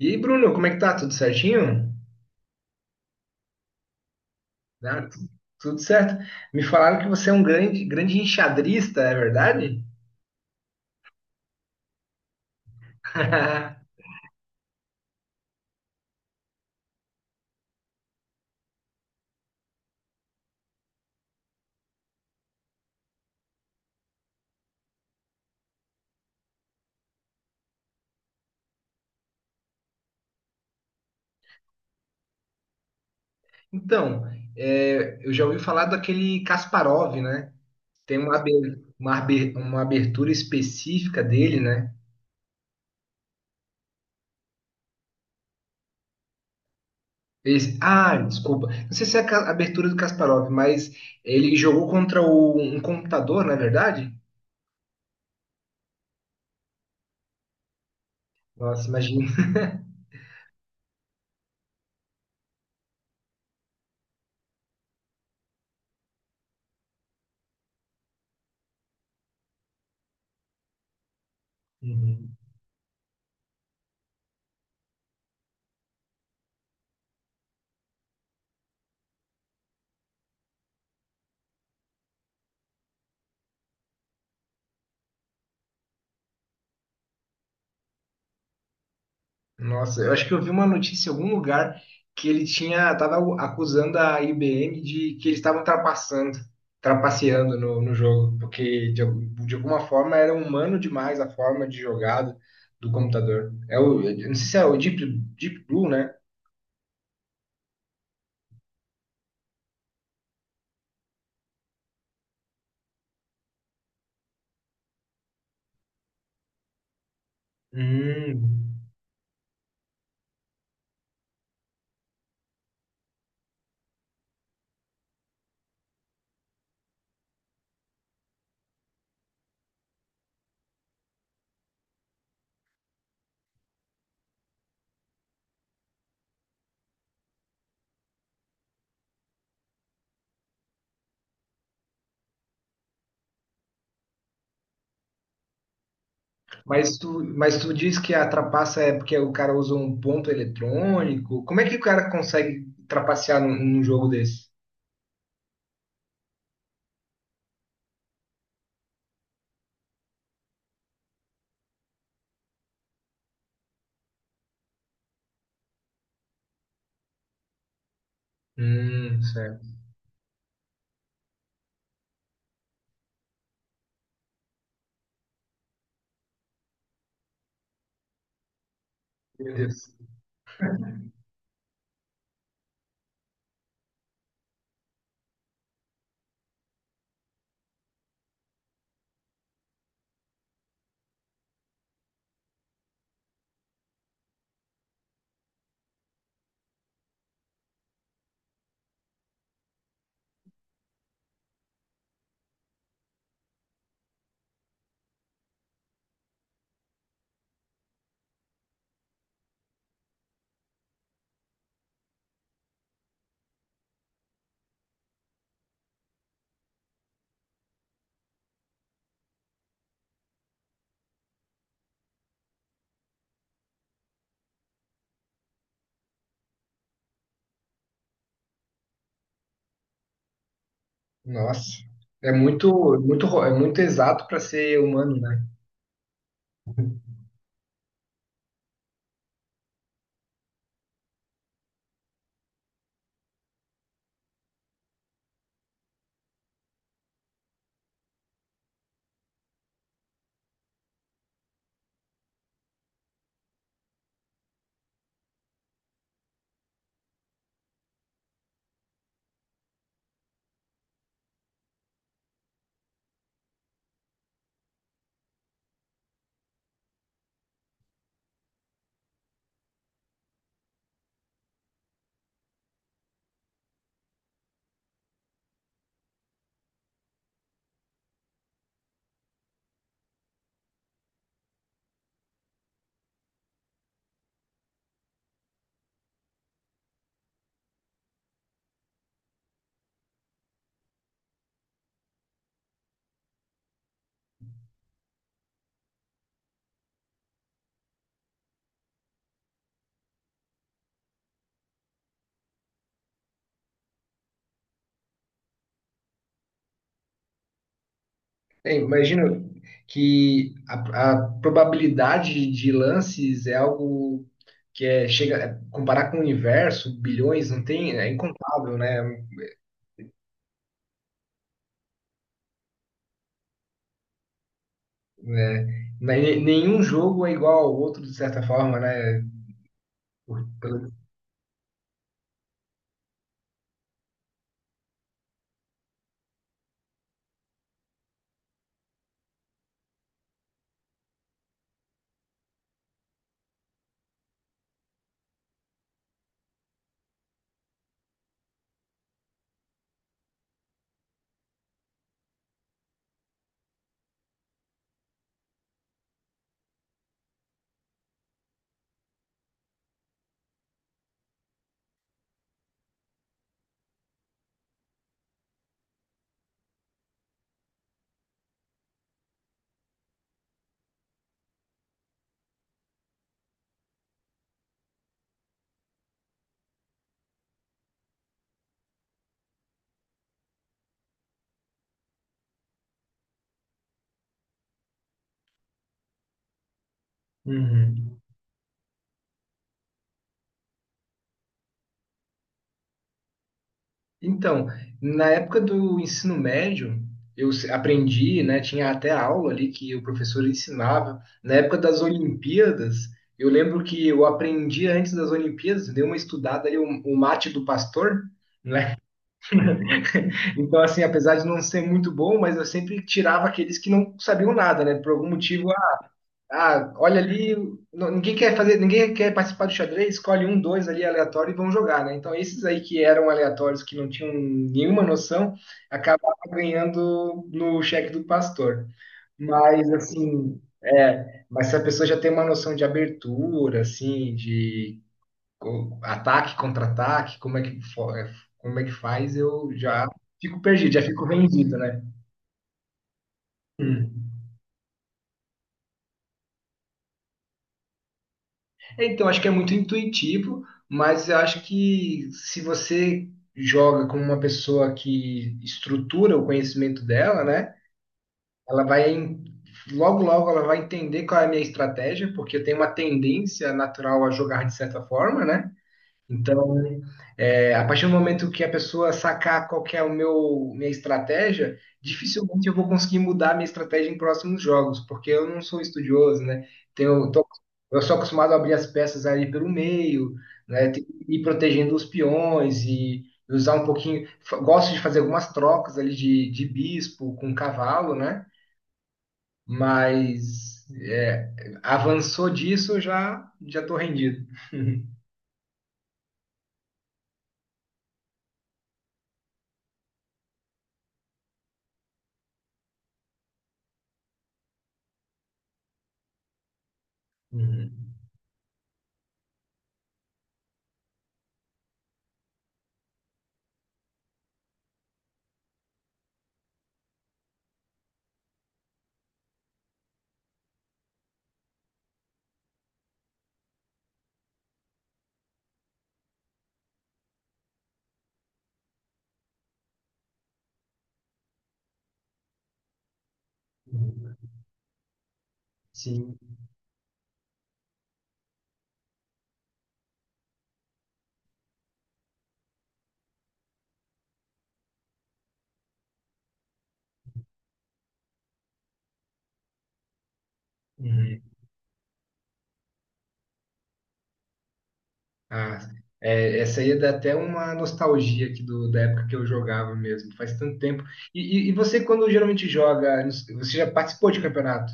E Bruno, como é que tá? Tudo certinho? Ah, tu- Tudo certo. Me falaram que você é um grande enxadrista, é verdade? Então, é, eu já ouvi falar daquele Kasparov, né? Tem uma, uma abertura específica dele, né? Desculpa. Não sei se é a abertura do Kasparov, mas ele jogou contra um computador, não é verdade? Nossa, imagina. Nossa, eu acho que eu vi uma notícia em algum lugar que ele tinha, tava acusando a IBM de que eles estavam trapaçando, trapaceando no jogo, porque de alguma forma era humano demais a forma de jogada do computador. É o, eu não sei se é o Deep Blue, né? Hum. Mas tu diz que a trapaça é porque o cara usa um ponto eletrônico. Como é que o cara consegue trapacear num jogo desse? Certo. Meu Deus. Nossa, é é muito exato para ser humano, né? É, imagino que a probabilidade de lances é algo que é, chega, é, comparar com o universo, bilhões, não tem, é incontável, né? É, nenhum jogo é igual ao outro, de certa forma, né? Por- pelo- Uhum. Então, na época do ensino médio, eu se- aprendi, né, tinha até aula ali que o professor ensinava. Na época das Olimpíadas, eu lembro que eu aprendi antes das Olimpíadas, dei uma estudada ali, o mate do pastor, né? Então, assim, apesar de não ser muito bom, mas eu sempre tirava aqueles que não sabiam nada, né? Por algum motivo ah, olha ali, ninguém quer fazer, ninguém quer participar do xadrez, escolhe um, dois ali aleatório e vão jogar, né? Então esses aí que eram aleatórios, que não tinham nenhuma noção, acabavam ganhando no cheque do pastor. Mas assim, é, mas se a pessoa já tem uma noção de abertura, assim, de ataque, contra-ataque, como é que faz, eu já fico perdido, já fico vendido, né? Hum. É, então, acho que é muito intuitivo, mas eu acho que se você joga com uma pessoa que estrutura o conhecimento dela, né? Ela vai em- Logo logo ela vai entender qual é a minha estratégia, porque eu tenho uma tendência natural a jogar de certa forma, né? Então, é, a partir do momento que a pessoa sacar qual que é o meu minha estratégia, dificilmente eu vou conseguir mudar a minha estratégia em próximos jogos, porque eu não sou estudioso, né? Tenho, tô- eu sou acostumado a abrir as peças ali pelo meio, né? Tem que ir protegendo os peões e usar um pouquinho. Gosto de fazer algumas trocas ali de bispo com cavalo, né? Mas é, avançou disso, eu já estou rendido. Uhum. Uhum. Sim. Uhum. Ah, é, essa aí dá até uma nostalgia aqui do, da época que eu jogava mesmo, faz tanto tempo. E você, quando geralmente joga, você já participou de campeonato?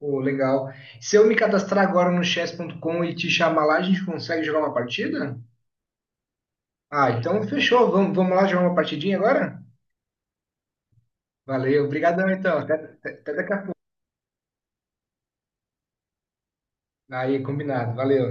Pô, legal. Se eu me cadastrar agora no chess. Ponto Com e te chamar lá, a gente consegue jogar uma partida? Ah, então fechou. Vamos, vamos lá jogar uma partidinha agora? Valeu, obrigadão então. Até, até daqui a pouco. Aí, combinado. Valeu.